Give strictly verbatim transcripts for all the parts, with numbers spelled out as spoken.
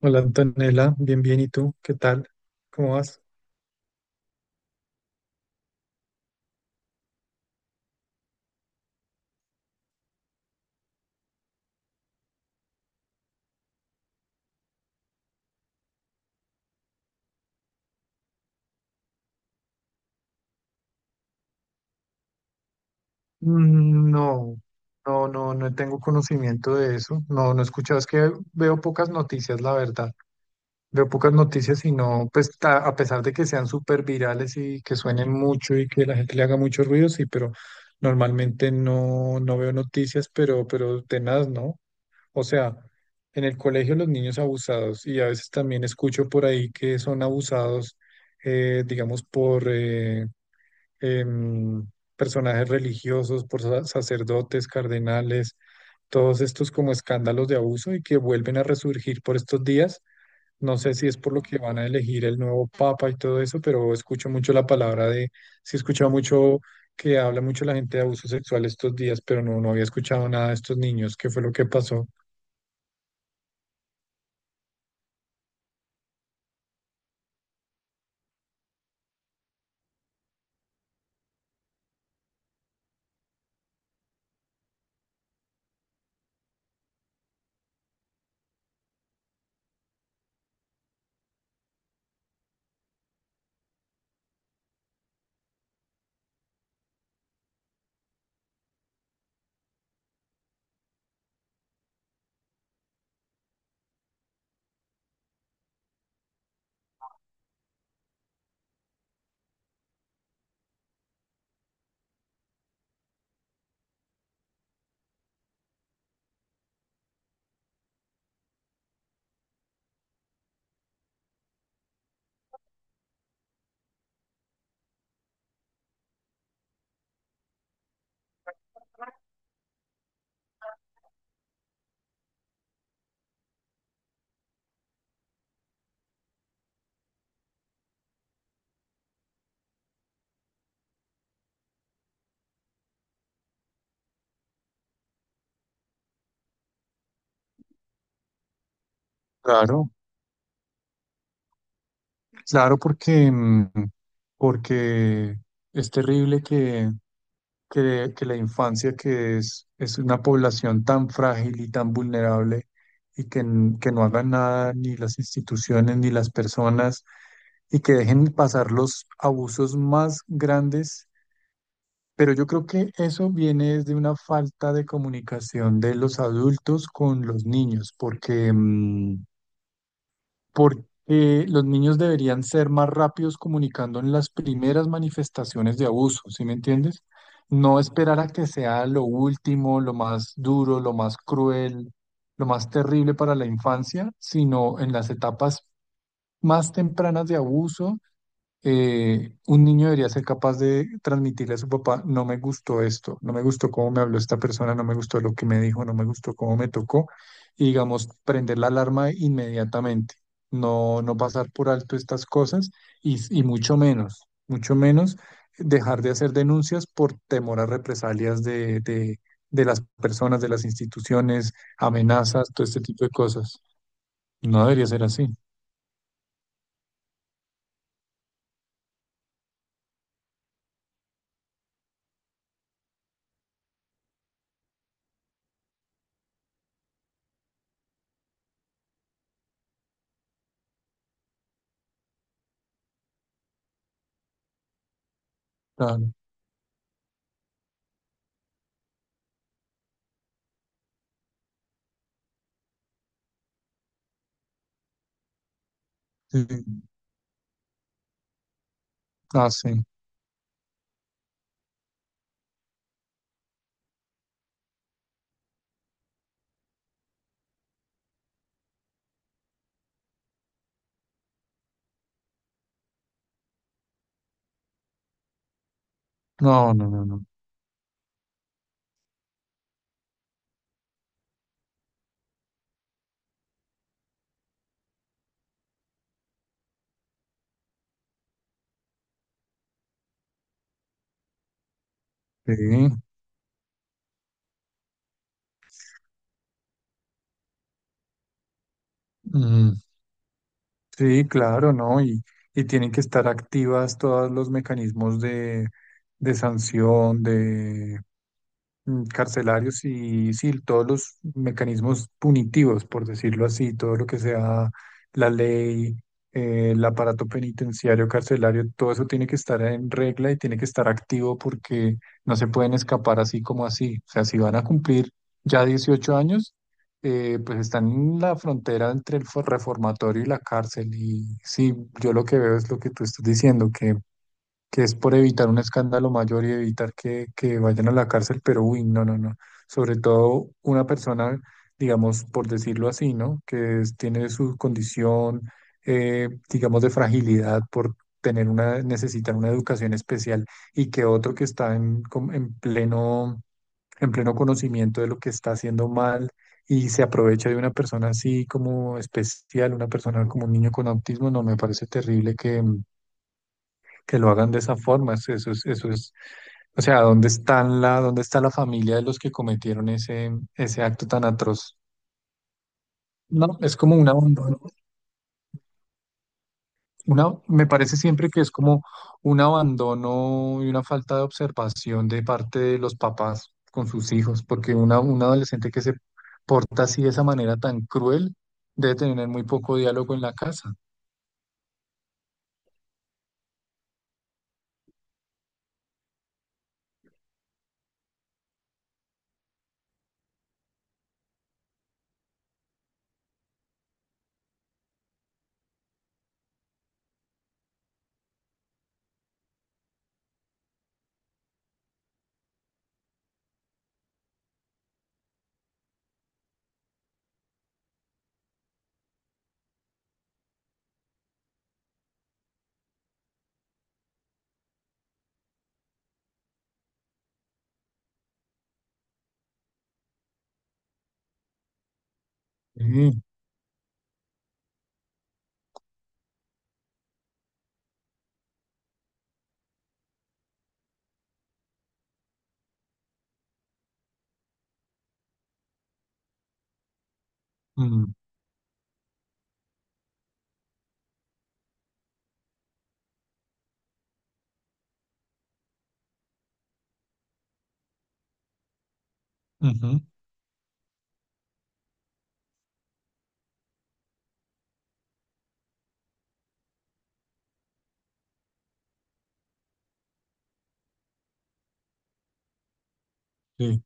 Hola Antonella, bien, bien, ¿y tú? ¿Qué tal? ¿Cómo vas? Mm, no, no, no, no tengo conocimiento de eso. No, no he escuchado. Es que veo pocas noticias, la verdad. Veo pocas noticias y no, pues ta- a pesar de que sean súper virales y que suenen mucho y que la gente le haga mucho ruido, sí, pero normalmente no, no veo noticias, pero, pero tenaz, ¿no? O sea, en el colegio los niños abusados y a veces también escucho por ahí que son abusados, eh, digamos, por, eh, em, personajes religiosos, por sa- sacerdotes, cardenales, todos estos como escándalos de abuso y que vuelven a resurgir por estos días. No sé si es por lo que van a elegir el nuevo papa y todo eso, pero escucho mucho la palabra de, sí he escuchado mucho que habla mucho la gente de abuso sexual estos días, pero no, no había escuchado nada de estos niños, qué fue lo que pasó. Claro, claro, porque, mm, porque es terrible que, que, que la infancia, que es, es una población tan frágil y tan vulnerable, y que, n- que no hagan nada ni las instituciones ni las personas, y que dejen pasar los abusos más grandes. Pero yo creo que eso viene desde una falta de comunicación de los adultos con los niños, porque... mm, porque los niños deberían ser más rápidos comunicando en las primeras manifestaciones de abuso, ¿sí me entiendes? No esperar a que sea lo último, lo más duro, lo más cruel, lo más terrible para la infancia, sino en las etapas más tempranas de abuso. Eh, un niño debería ser capaz de transmitirle a su papá: no me gustó esto, no me gustó cómo me habló esta persona, no me gustó lo que me dijo, no me gustó cómo me tocó, y digamos, prender la alarma inmediatamente, no, no pasar por alto estas cosas y, y mucho menos, mucho menos dejar de hacer denuncias por temor a represalias de, de, de las personas, de las instituciones, amenazas, todo este tipo de cosas. No debería ser así. Claro. Sí, sí. Ah, sí. No, no, no, no. Sí, mm, sí, claro, ¿no? Y, y tienen que estar activas todos los mecanismos de, de sanción, de, mm, carcelarios y sí, todos los mecanismos punitivos, por decirlo así, todo lo que sea la ley, eh, el aparato penitenciario, carcelario, todo eso tiene que estar en regla y tiene que estar activo porque no se pueden escapar así como así. O sea, si van a cumplir ya dieciocho años, eh, pues están en la frontera entre el for- reformatorio y la cárcel. Y sí, yo lo que veo es lo que tú estás diciendo, que que es por evitar un escándalo mayor y evitar que, que vayan a la cárcel, pero uy, no, no, no. Sobre todo una persona, digamos, por decirlo así, ¿no? Que es- tiene su condición, eh, digamos, de fragilidad por tener una, necesitar una educación especial, y que otro que está en, com- en pleno, en pleno conocimiento de lo que está haciendo mal. Y se aprovecha de una persona así como especial, una persona como un niño con autismo, no me parece terrible que lo hagan de esa forma. es- Eso es, eso es, o sea, ¿dónde están la, dónde está la familia de los que cometieron ese, ese acto tan atroz? No, es como un abandono, una, me parece siempre que es como un abandono y una falta de observación de parte de los papás con sus hijos, porque una, un adolescente que se porta así de esa manera tan cruel debe tener muy poco diálogo en la casa. Sí. Mm, ujú, sí.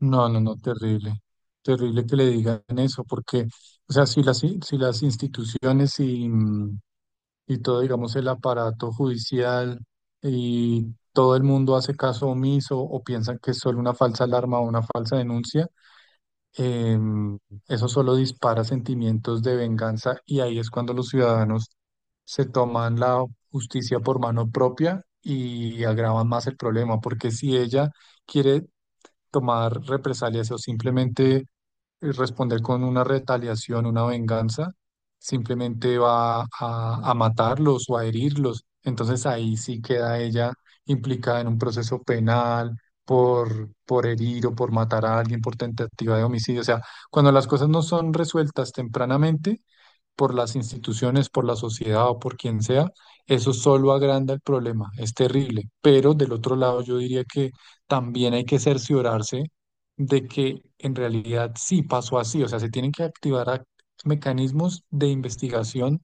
No, no, no, terrible, terrible que le digan eso, porque, o sea, si las, in- si las instituciones y, mm, y todo, digamos, el aparato judicial y todo el mundo hace caso omiso o piensan que es solo una falsa alarma o una falsa denuncia, em, eso solo dispara sentimientos de venganza y ahí es cuando los ciudadanos se toman la justicia por mano propia y agravan más el problema, porque si ella quiere tomar represalias o simplemente eh, responder con una retaliación, una venganza, simplemente va a, a matarlos o a herirlos. Entonces ahí sí queda ella implicada en un proceso penal por, por herir o por matar a alguien, por tentativa de homicidio. O sea, cuando las cosas no son resueltas tempranamente, por las instituciones, por la sociedad o por quien sea, eso solo agranda el problema, es terrible. Pero del otro lado, yo diría que también hay que cerciorarse de que en realidad sí pasó así, o sea, se tienen que activar ac- mecanismos de investigación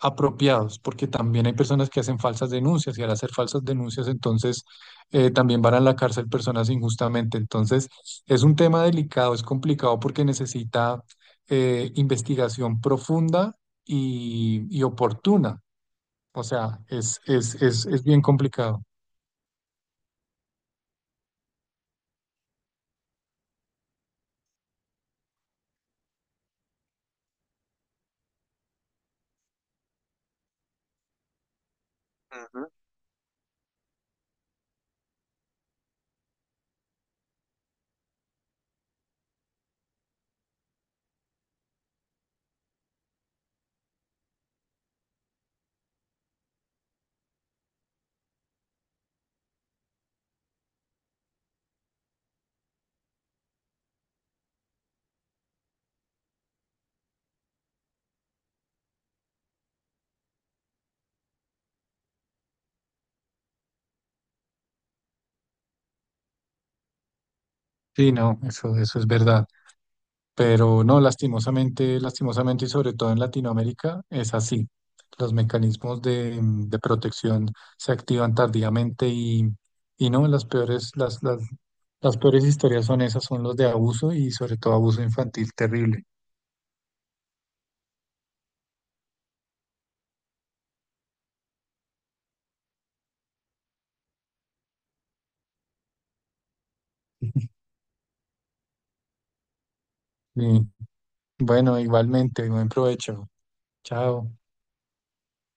apropiados, porque también hay personas que hacen falsas denuncias y al hacer falsas denuncias entonces eh, también van a la cárcel personas injustamente. Entonces es un tema delicado, es complicado porque necesita eh, investigación profunda y, y oportuna. O sea, es, es, es, es bien complicado. Sí, no, eso, eso es verdad. Pero no, lastimosamente, lastimosamente y sobre todo en Latinoamérica es así. Los mecanismos de, mm, de protección se activan tardíamente y, y no, las peores, las, las, las peores historias son esas, son los de abuso y sobre todo abuso infantil terrible. Y, bueno, igualmente, buen provecho. Chao.